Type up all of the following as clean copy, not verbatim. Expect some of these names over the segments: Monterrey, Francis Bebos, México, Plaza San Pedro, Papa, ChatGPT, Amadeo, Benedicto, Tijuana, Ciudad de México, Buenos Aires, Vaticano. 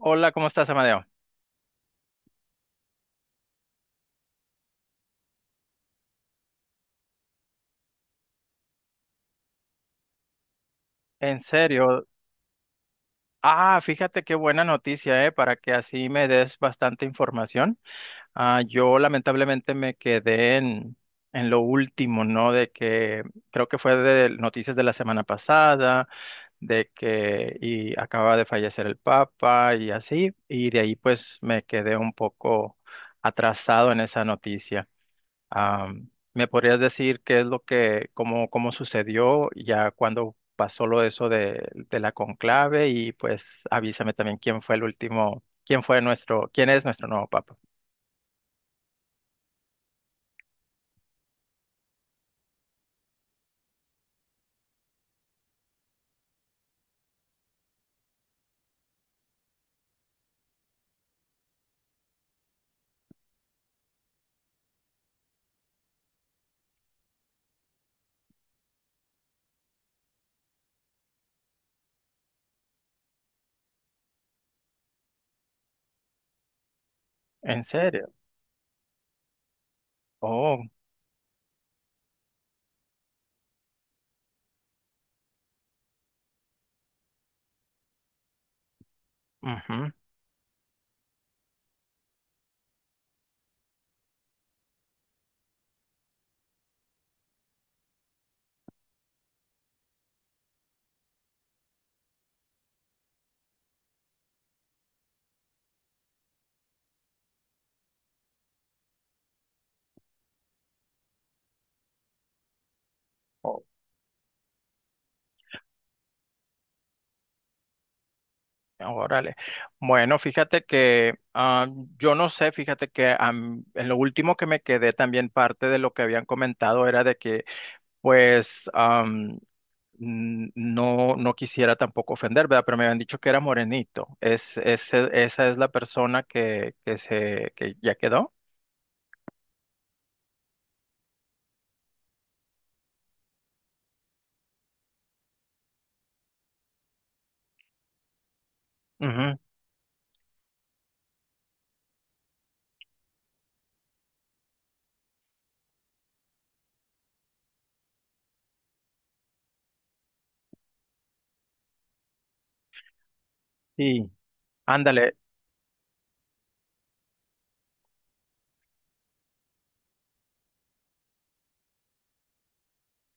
Hola, ¿cómo estás, Amadeo? En serio. Ah, fíjate qué buena noticia, ¿eh? Para que así me des bastante información. Ah, yo lamentablemente me quedé en lo último, ¿no? De que creo que fue de noticias de la semana pasada, de que y acaba de fallecer el Papa y así, y de ahí pues me quedé un poco atrasado en esa noticia. ¿Me podrías decir qué es lo que, cómo sucedió ya cuando pasó lo eso de la conclave? Y pues avísame también quién fue el último, quién fue nuestro, quién es nuestro nuevo papa. ¿En serio? Oh, ujú. Oh, órale. Bueno, fíjate que ah, yo no sé, fíjate que en lo último que me quedé también parte de lo que habían comentado era de que pues no, no quisiera tampoco ofender, ¿verdad? Pero me habían dicho que era morenito. Esa es la persona que ya quedó. Ujú. Sí, ándale,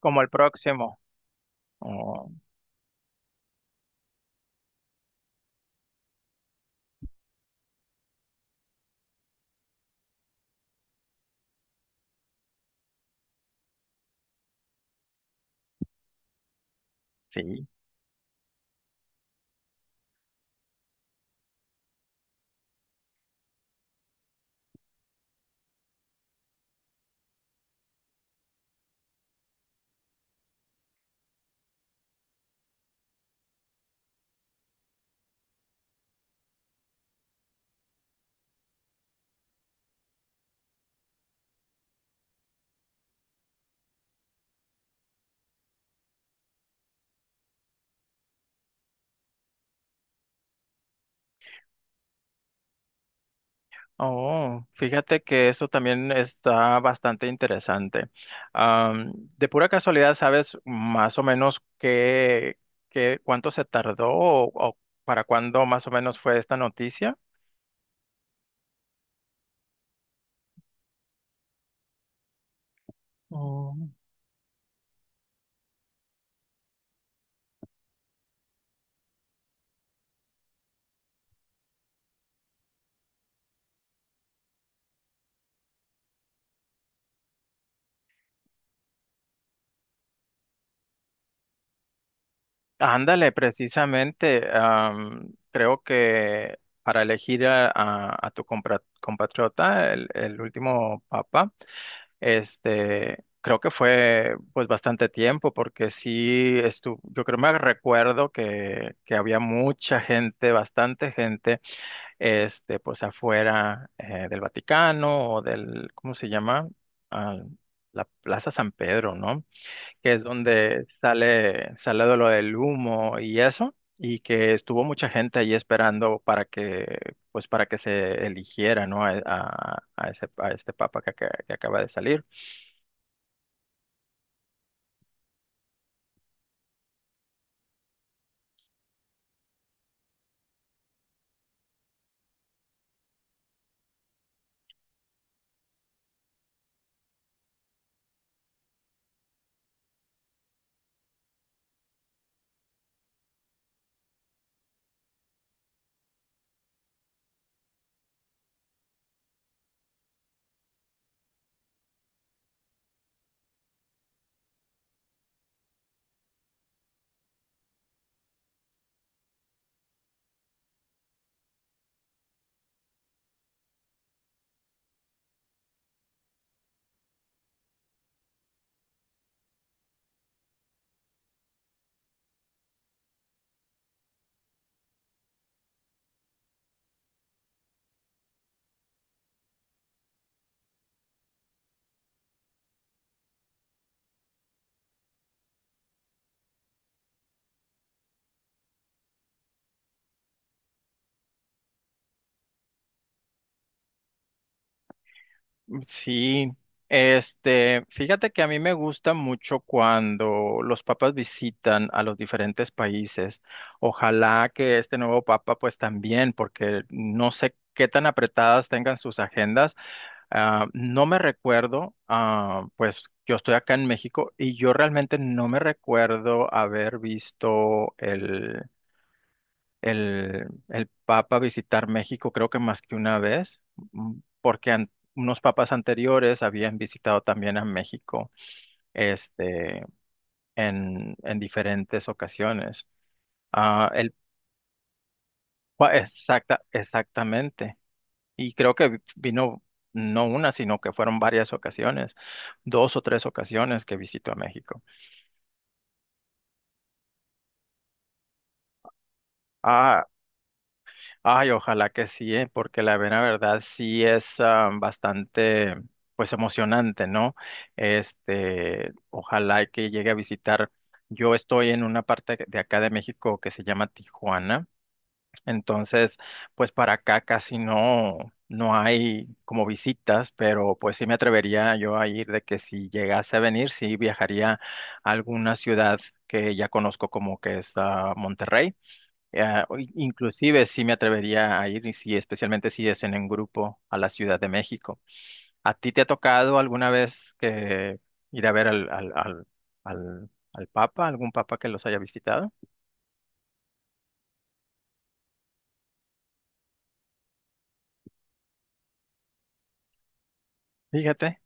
como el próximo. Oh, sí. Oh, fíjate que eso también está bastante interesante. De pura casualidad, ¿sabes más o menos cuánto se tardó o para cuándo más o menos fue esta noticia? Ándale, precisamente, creo que para elegir a tu compatriota, el último papa, este, creo que fue pues bastante tiempo, porque sí estuvo, yo creo me recuerdo que había mucha gente, bastante gente, este, pues afuera del Vaticano o del, ¿cómo se llama? Al- la Plaza San Pedro, ¿no? Que es donde sale, sale de lo del humo y eso, y que estuvo mucha gente ahí esperando para que, pues para que se eligiera, ¿no? A ese, a este papa que acaba de salir. Sí, este, fíjate que a mí me gusta mucho cuando los papas visitan a los diferentes países. Ojalá que este nuevo papa, pues también, porque no sé qué tan apretadas tengan sus agendas. Ah, no me recuerdo, ah, pues yo estoy acá en México y yo realmente no me recuerdo haber visto el Papa visitar México, creo que más que una vez, mm, porque unos papas anteriores habían visitado también a México, este, en diferentes ocasiones. Ah, exactamente. Y creo que vino no una, sino que fueron varias ocasiones, dos o tres ocasiones que visitó a México. Ah, ay, ojalá que sí, porque la mera verdad sí es ah, bastante, pues emocionante, ¿no? Este, ojalá y que llegue a visitar. Yo estoy en una parte de acá de México que se llama Tijuana. Entonces, pues para acá casi no, no hay como visitas, pero pues sí me atrevería yo a ir de que si llegase a venir, sí viajaría a alguna ciudad que ya conozco como que es ah, Monterrey. O inclusive sí me atrevería a ir, y sí, especialmente si es en un grupo a la Ciudad de México. ¿A ti te ha tocado alguna vez que ir a ver al Papa, algún Papa que los haya visitado? Fíjate.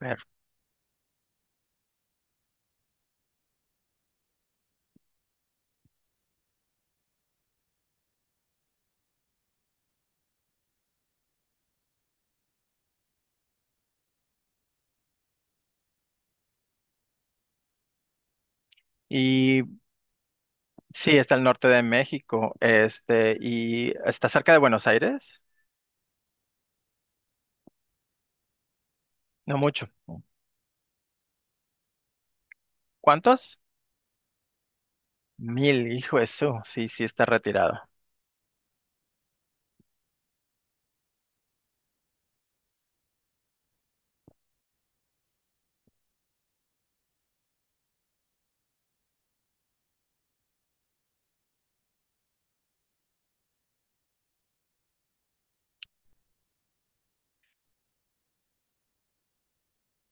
Ver. Y sí, está al norte de México, este, y está cerca de Buenos Aires, no mucho. ¿Cuántos? 1000, hijo de su, sí, sí está retirado.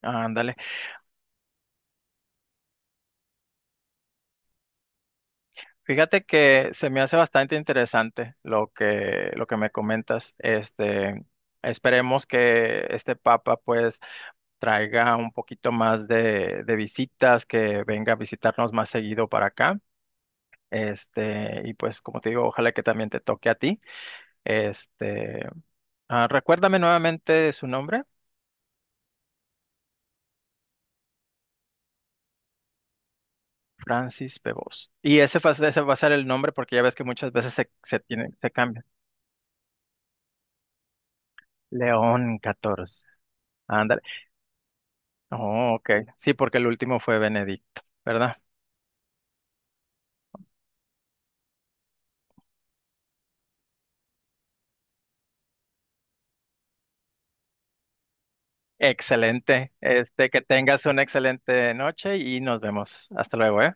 Ándale. Fíjate que se me hace bastante interesante lo que me comentas. Este, esperemos que este papa pues traiga un poquito más de visitas, que venga a visitarnos más seguido para acá. Este, y pues como te digo, ojalá que también te toque a ti. Este, ah, recuérdame nuevamente su nombre, Francis Bebos. Y ese va a ser el nombre porque ya ves que muchas veces se tiene, se cambia. León XIV. Ándale. Oh, ok. Sí, porque el último fue Benedicto, ¿verdad? Excelente. Este, que tengas una excelente noche y nos vemos. Hasta luego, ¿eh?